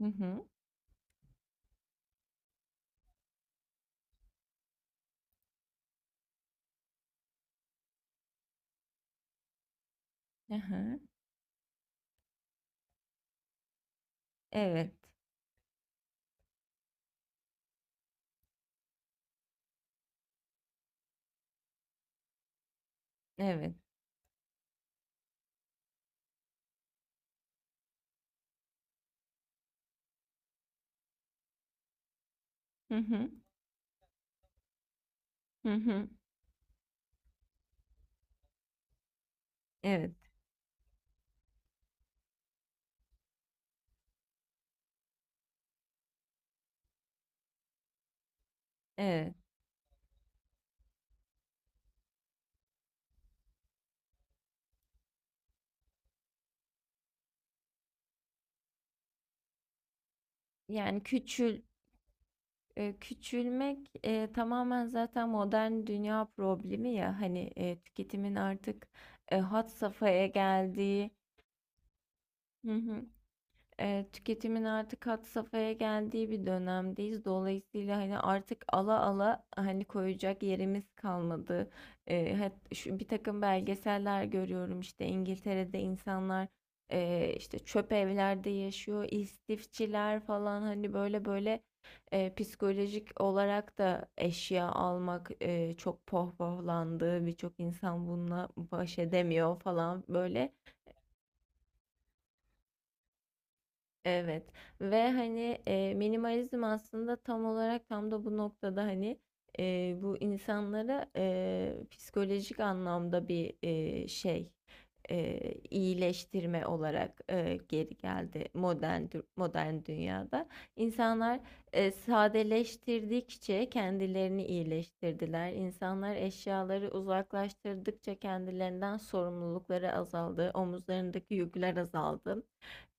Hı hı. Hı hı. Evet. Evet. Hı hı. Hı hı. Evet. Evet. Yani küçülmek tamamen zaten modern dünya problemi ya hani tüketimin artık had safhaya geldiği. Hı hı. Tüketimin artık had safhaya geldiği bir dönemdeyiz. Dolayısıyla hani artık ala ala hani koyacak yerimiz kalmadı. Bir takım belgeseller görüyorum işte İngiltere'de insanlar işte çöp evlerde yaşıyor, istifçiler falan hani böyle böyle psikolojik olarak da eşya almak çok pohpohlandı. Birçok insan bununla baş edemiyor falan böyle. Evet ve hani, minimalizm aslında tam olarak tam da bu noktada, hani, bu insanlara, psikolojik anlamda bir, şey, iyileştirme olarak, geri geldi modern dünyada. İnsanlar, sadeleştirdikçe kendilerini iyileştirdiler. İnsanlar eşyaları uzaklaştırdıkça kendilerinden sorumlulukları azaldı, omuzlarındaki yükler azaldı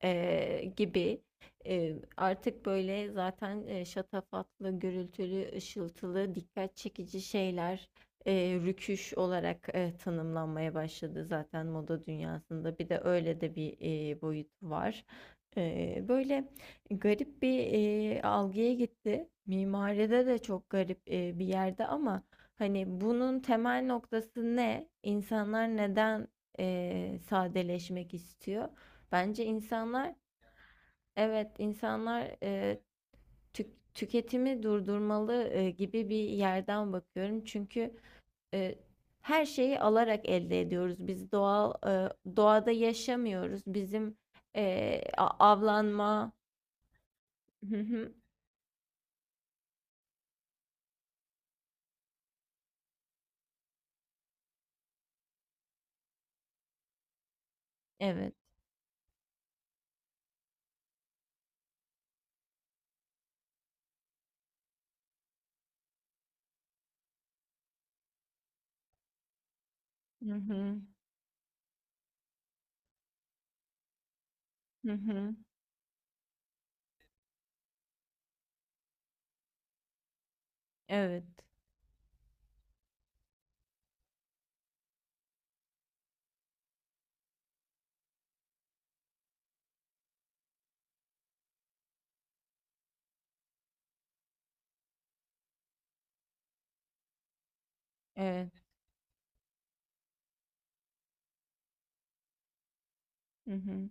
gibi. Artık böyle zaten, şatafatlı, gürültülü, ışıltılı, dikkat çekici şeyler, rüküş olarak, tanımlanmaya başladı zaten moda dünyasında. Bir de öyle de bir, boyutu var. Böyle garip bir, algıya gitti. Mimaride de çok garip, bir yerde ama hani bunun temel noktası ne? İnsanlar neden, sadeleşmek istiyor? Bence insanlar, evet, insanlar tüketimi durdurmalı gibi bir yerden bakıyorum. Çünkü e, her şeyi alarak elde ediyoruz. Biz doğal doğada yaşamıyoruz. Bizim avlanma. Hı hı. Evet. Hı hı. Hı hı. Evet. Evet. Hı hı.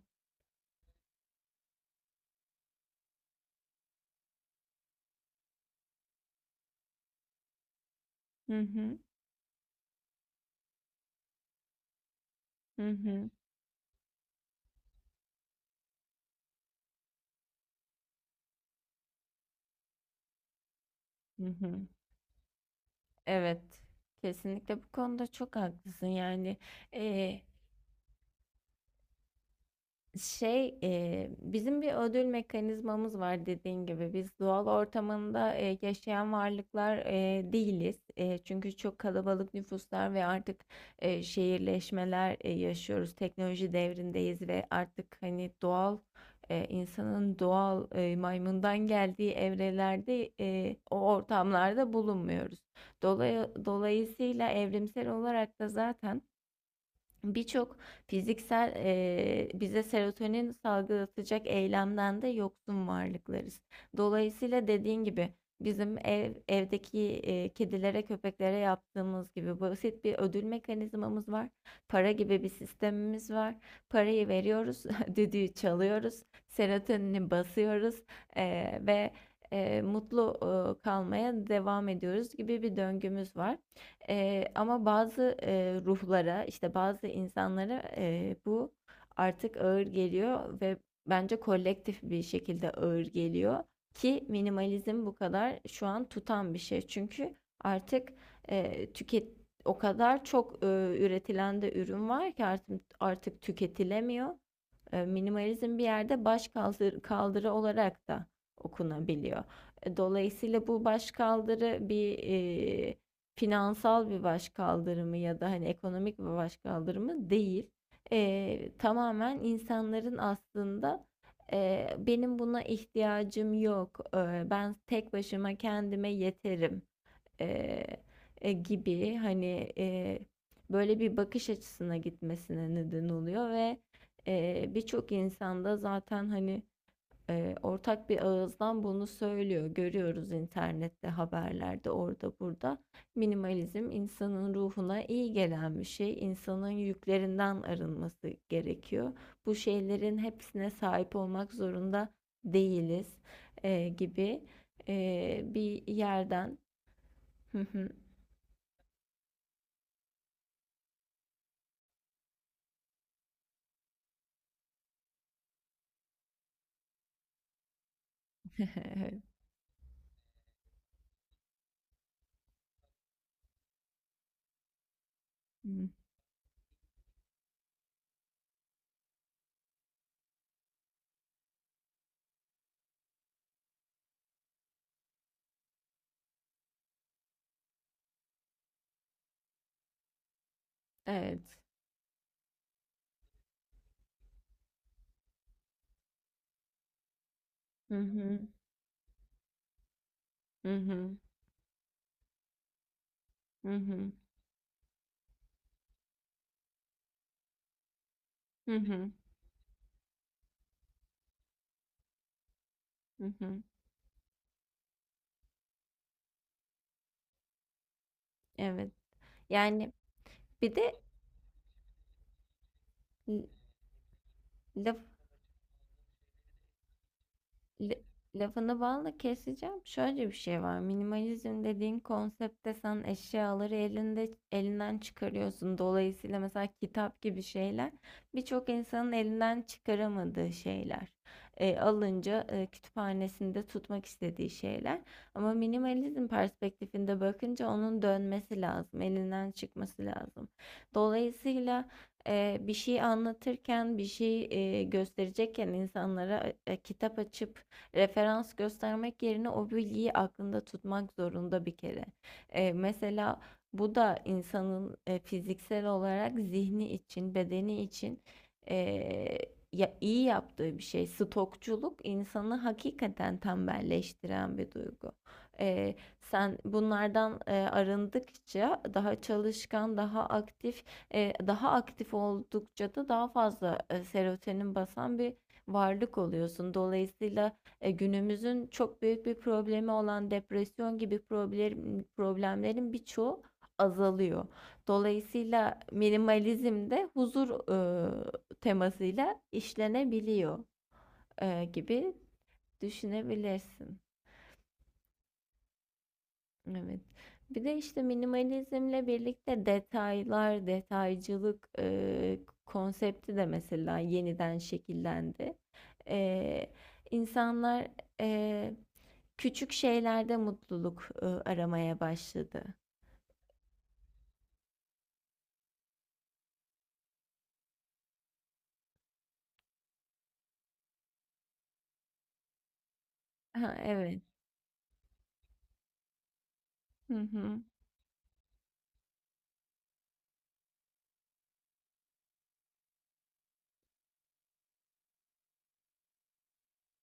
Hı hı. Hı hı. Hı hı. Evet. Kesinlikle bu konuda çok haklısın. Yani. E, Şey, bizim bir ödül mekanizmamız var dediğin gibi. Biz doğal ortamında yaşayan varlıklar değiliz. Çünkü çok kalabalık nüfuslar ve artık şehirleşmeler yaşıyoruz. Teknoloji devrindeyiz ve artık hani doğal insanın doğal maymundan geldiği evrelerde o ortamlarda bulunmuyoruz. Dolayısıyla evrimsel olarak da zaten birçok fiziksel bize serotonin salgılatacak eylemden de yoksun varlıklarız. Dolayısıyla dediğin gibi bizim evdeki kedilere, köpeklere yaptığımız gibi basit bir ödül mekanizmamız var. Para gibi bir sistemimiz var. Parayı veriyoruz, düdüğü çalıyoruz, serotonini basıyoruz ve mutlu kalmaya devam ediyoruz gibi bir döngümüz var. Ama bazı ruhlara, işte bazı insanlara bu artık ağır geliyor ve bence kolektif bir şekilde ağır geliyor ki minimalizm bu kadar şu an tutan bir şey. Çünkü artık eee, tüket o kadar çok üretilen de ürün var ki artık tüketilemiyor. Minimalizm bir yerde baş kaldırı olarak da okunabiliyor. Dolayısıyla bu baş kaldırı bir e, finansal bir baş kaldırımı ya da hani ekonomik bir baş kaldırımı değil. Tamamen insanların aslında benim buna ihtiyacım yok, ben tek başıma kendime yeterim eee, gibi hani böyle bir bakış açısına gitmesine neden oluyor ve birçok insanda zaten hani ortak bir ağızdan bunu söylüyor. Görüyoruz internette, haberlerde, orada burada. Minimalizm insanın ruhuna iyi gelen bir şey. İnsanın yüklerinden arınması gerekiyor. Bu şeylerin hepsine sahip olmak zorunda değiliz gibi bir yerden. Hımm. Evet. Hı hı. Hı hı. Hı hı. Hı hı. Hı hı. Evet. Yani bir de l laf L- Lafını balla keseceğim. Şöyle bir şey var. Minimalizm dediğin konseptte sen eşyaları elinden çıkarıyorsun. Dolayısıyla mesela kitap gibi şeyler birçok insanın elinden çıkaramadığı şeyler. Alınca kütüphanesinde tutmak istediği şeyler. Ama minimalizm perspektifinde bakınca onun dönmesi lazım, elinden çıkması lazım. Dolayısıyla bir şey anlatırken, bir şey gösterecekken insanlara kitap açıp referans göstermek yerine o bilgiyi aklında tutmak zorunda bir kere. Mesela bu da insanın fiziksel olarak zihni için, bedeni için eee, ya, iyi yaptığı bir şey. Stokçuluk insanı hakikaten tembelleştiren bir duygu. Eee, Sen bunlardan arındıkça daha çalışkan, daha aktif, daha aktif oldukça da daha fazla serotonin basan bir varlık oluyorsun. Dolayısıyla günümüzün çok büyük bir problemi olan depresyon gibi problemlerin birçoğu azalıyor. Dolayısıyla minimalizm de huzur e, temasıyla işlenebiliyor gibi düşünebilirsin. Evet. Bir de işte minimalizmle birlikte detaylar, detaycılık konsepti de mesela yeniden şekillendi. E, insanlar e, küçük şeylerde mutluluk aramaya başladı. Ha, evet. Hı hı.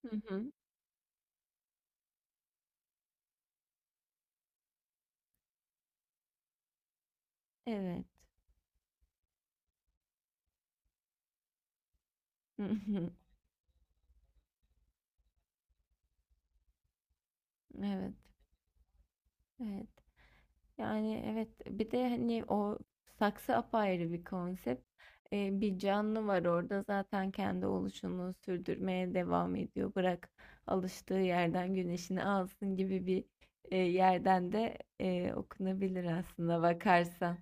Hı hı. Evet. Hı hı. Evet. Evet. Yani evet bir de hani o saksı apayrı bir konsept. Bir canlı var orada zaten kendi oluşunu sürdürmeye devam ediyor. Bırak alıştığı yerden güneşini alsın gibi bir yerden de okunabilir aslında bakarsan.